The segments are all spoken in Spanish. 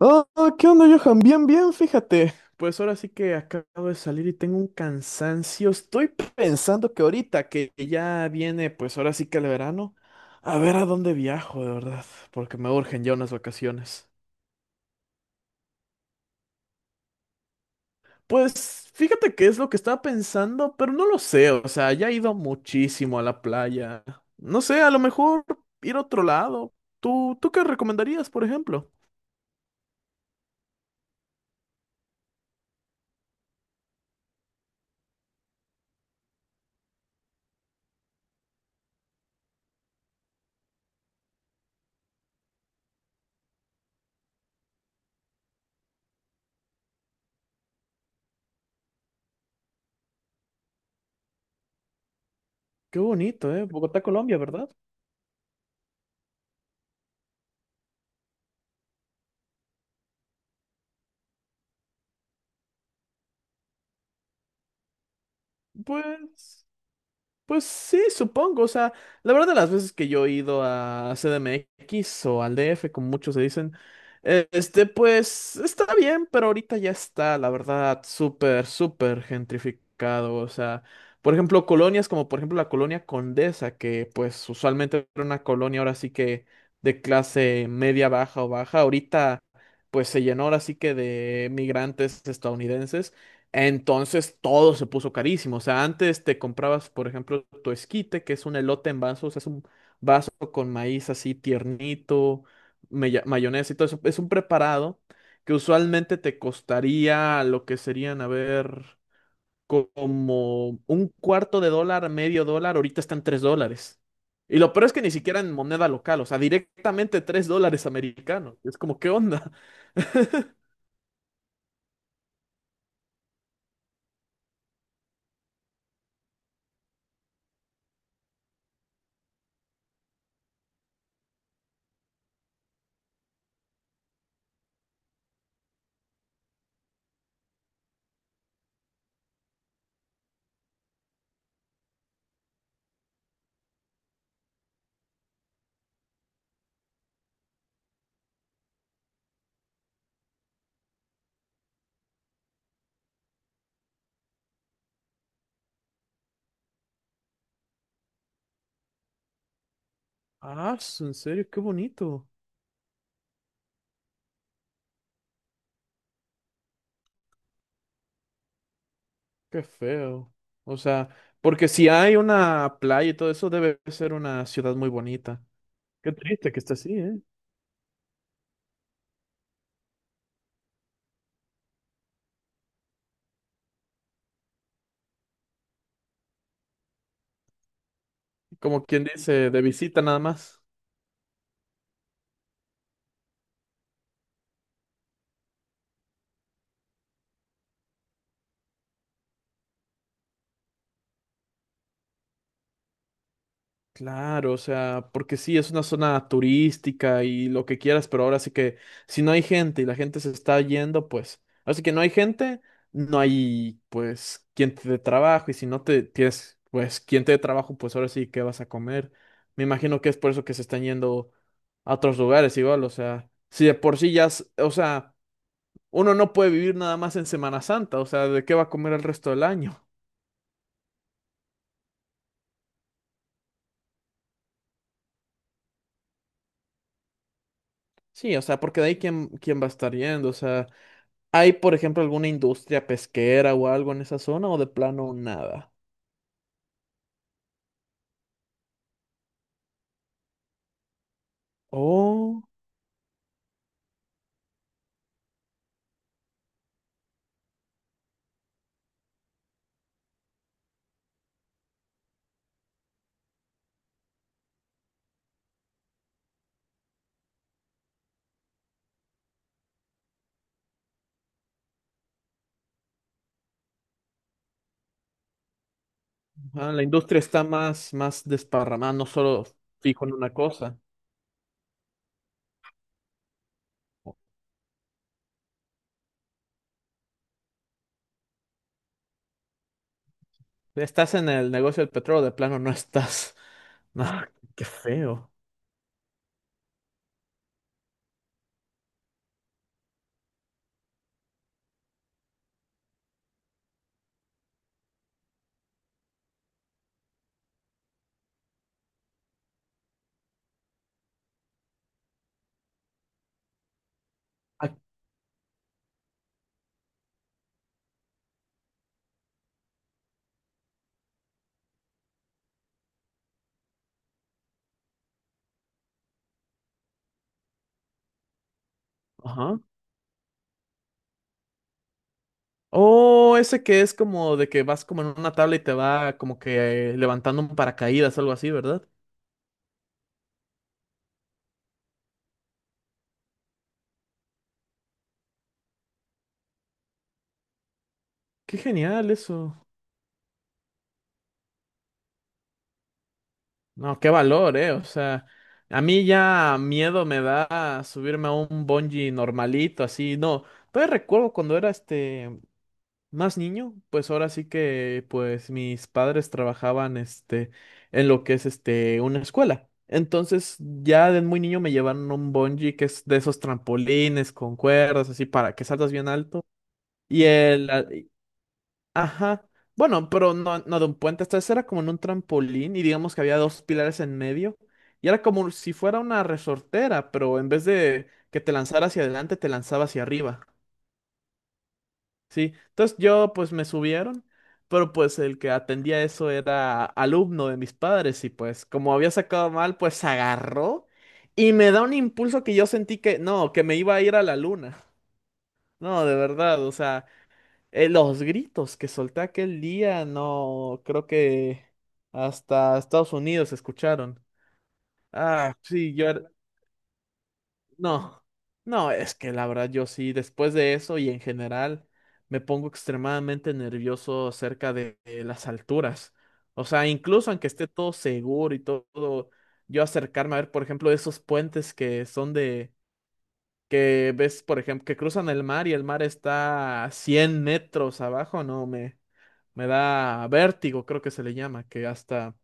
¿Qué onda, Johan? Bien, bien, fíjate. Pues ahora sí que acabo de salir y tengo un cansancio. Estoy pensando que ahorita que ya viene, pues ahora sí que el verano, a ver a dónde viajo, de verdad, porque me urgen ya unas vacaciones. Pues fíjate que es lo que estaba pensando, pero no lo sé, o sea, ya he ido muchísimo a la playa. No sé, a lo mejor ir a otro lado. ¿Tú ¿qué recomendarías, por ejemplo? Qué bonito, ¿eh? Bogotá, Colombia, ¿verdad? Pues... Pues sí, supongo. O sea, la verdad, las veces que yo he ido a CDMX o al DF, como muchos se dicen, pues está bien, pero ahorita ya está, la verdad, súper, súper gentrificado. O sea, por ejemplo, colonias como, por ejemplo, la colonia Condesa, que pues usualmente era una colonia ahora sí que de clase media, baja o baja, ahorita pues se llenó ahora sí que de migrantes estadounidenses. Entonces todo se puso carísimo. O sea, antes te comprabas, por ejemplo, tu esquite, que es un elote en vaso, o sea, es un vaso con maíz así tiernito, mayonesa y todo eso. Es un preparado que usualmente te costaría lo que serían, a ver, como un cuarto de dólar, medio dólar. Ahorita están tres dólares. Y lo peor es que ni siquiera en moneda local, o sea, directamente tres dólares americanos. Es como, ¿qué onda? Ah, en serio, qué bonito. Qué feo. O sea, porque si hay una playa y todo eso, debe ser una ciudad muy bonita. Qué triste que esté así, ¿eh? Como quien dice, de visita nada más. Claro, o sea, porque sí, es una zona turística y lo que quieras, pero ahora sí que si no hay gente y la gente se está yendo, pues, así que no hay gente, no hay, pues, quien te dé trabajo y si no te tienes, pues, quien te dé trabajo, pues ahora sí, ¿qué vas a comer? Me imagino que es por eso que se están yendo a otros lugares igual, o sea, si de por sí ya, o sea, uno no puede vivir nada más en Semana Santa, o sea, ¿de qué va a comer el resto del año? Sí, o sea, porque de ahí quién, quién va a estar yendo, o sea. ¿Hay, por ejemplo, alguna industria pesquera o algo en esa zona o de plano nada? Oh, ah, la industria está más, más desparramada, no solo fijo en una cosa. Estás en el negocio del petróleo, de plano no estás. No, qué feo. Ah, ajá. Oh, ese que es como de que vas como en una tabla y te va como que levantando un paracaídas, algo así, ¿verdad? Qué genial eso. No, qué valor, eh. O sea, a mí ya miedo me da subirme a un bungee normalito, así. No, todavía recuerdo cuando era más niño, pues ahora sí que pues mis padres trabajaban en lo que es una escuela. Entonces, ya de muy niño me llevaron a un bungee que es de esos trampolines con cuerdas, así para que saltas bien alto. Y el, ajá. Bueno, pero no, no de un puente. Esta vez era como en un trampolín y digamos que había dos pilares en medio. Y era como si fuera una resortera, pero en vez de que te lanzara hacia adelante, te lanzaba hacia arriba. Sí. Entonces yo pues me subieron, pero pues el que atendía eso era alumno de mis padres y pues como había sacado mal, pues agarró y me da un impulso que yo sentí que no, que me iba a ir a la luna. No, de verdad, o sea. Los gritos que solté aquel día, no, creo que hasta Estados Unidos se escucharon. Ah, sí, yo era- No, no, es que la verdad yo sí, después de eso y en general, me pongo extremadamente nervioso acerca de las alturas. O sea, incluso aunque esté todo seguro y todo, yo acercarme a ver, por ejemplo, esos puentes que son de, que ves, por ejemplo, que cruzan el mar y el mar está a 100 metros abajo, no, me... Me da vértigo, creo que se le llama, que hasta...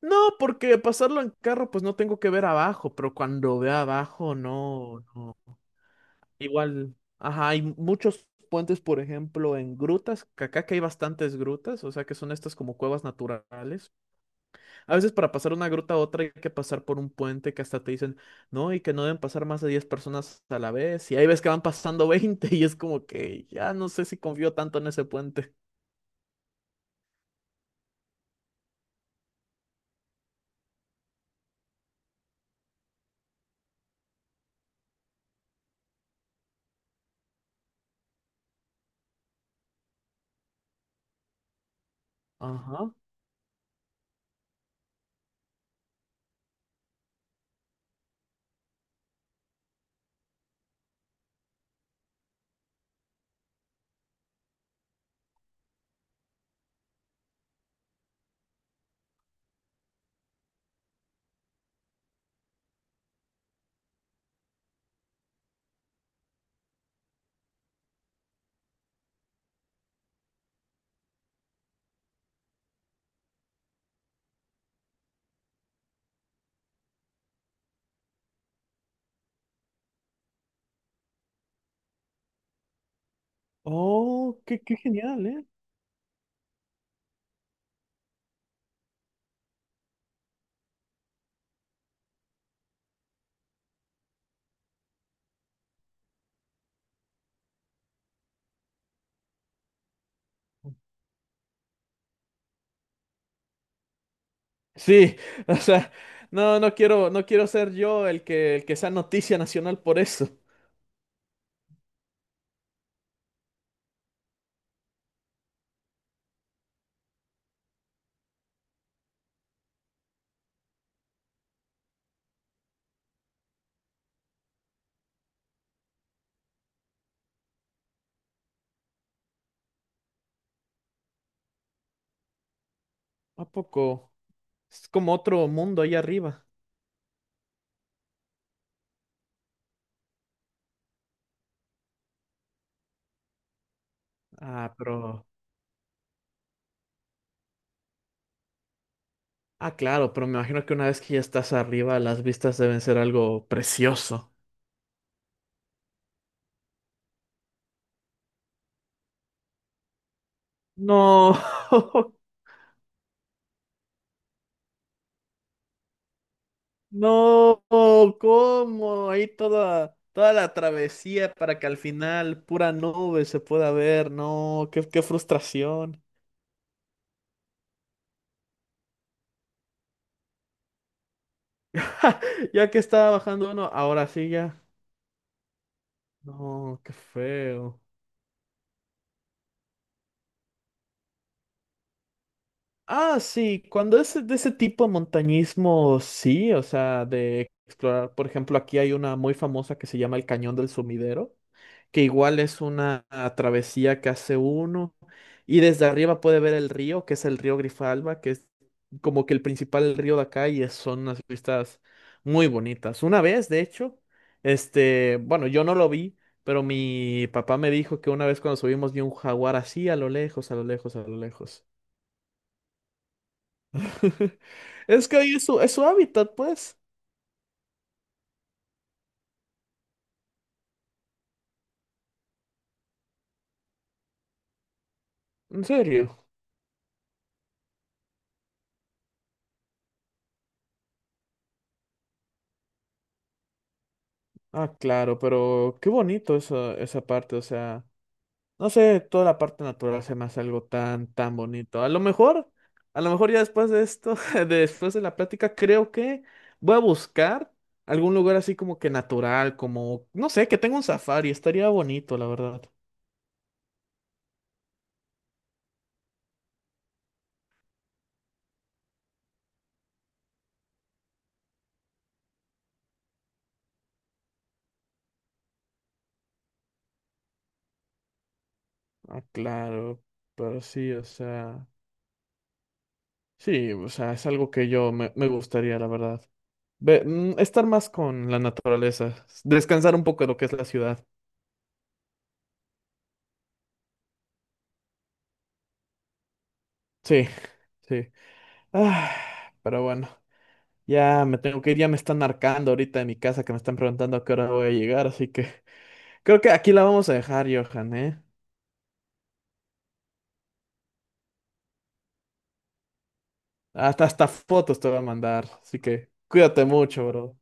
No, porque pasarlo en carro, pues no tengo que ver abajo, pero cuando ve abajo, no, no. Igual, ajá, hay muchos puentes, por ejemplo, en grutas, que acá que hay bastantes grutas, o sea que son estas como cuevas naturales. A veces para pasar una gruta a otra hay que pasar por un puente que hasta te dicen, no, y que no deben pasar más de 10 personas a la vez, y ahí ves que van pasando 20 y es como que ya no sé si confío tanto en ese puente. Ajá. Oh, qué, qué genial. Sí, o sea, no, no quiero, no quiero ser yo el que sea noticia nacional por eso. ¿A poco? Es como otro mundo ahí arriba. Ah, pero, ah, claro, pero me imagino que una vez que ya estás arriba, las vistas deben ser algo precioso. No, no, ¿cómo? Ahí toda, toda la travesía para que al final pura nube se pueda ver. No, qué, qué frustración. Ya que estaba bajando uno, ahora sí ya. No, qué feo. Ah, sí, cuando es de ese tipo de montañismo, sí, o sea, de explorar, por ejemplo, aquí hay una muy famosa que se llama el Cañón del Sumidero, que igual es una travesía que hace uno y desde arriba puede ver el río, que es el río Grijalva, que es como que el principal río de acá y son unas vistas muy bonitas. Una vez, de hecho, yo no lo vi, pero mi papá me dijo que una vez cuando subimos vi un jaguar así a lo lejos, a lo lejos, a lo lejos. Es que ahí es su hábitat, pues. En serio. Ah, claro, pero qué bonito eso, esa parte. O sea, no sé, toda la parte natural se me hace algo tan, tan bonito. A lo mejor ya después de esto, después de la plática, creo que voy a buscar algún lugar así como que natural, como, no sé, que tenga un safari. Estaría bonito, la verdad. Ah, claro, pero sí, o sea, es algo que yo me, me gustaría, la verdad. Estar más con la naturaleza, descansar un poco de lo que es la ciudad. Sí, sí. Ah, pero bueno, ya me tengo que ir, ya me están marcando ahorita en mi casa que me están preguntando a qué hora voy a llegar, así que creo que aquí la vamos a dejar, Johan, ¿eh? Hasta, hasta fotos te voy a mandar, así que cuídate mucho, bro.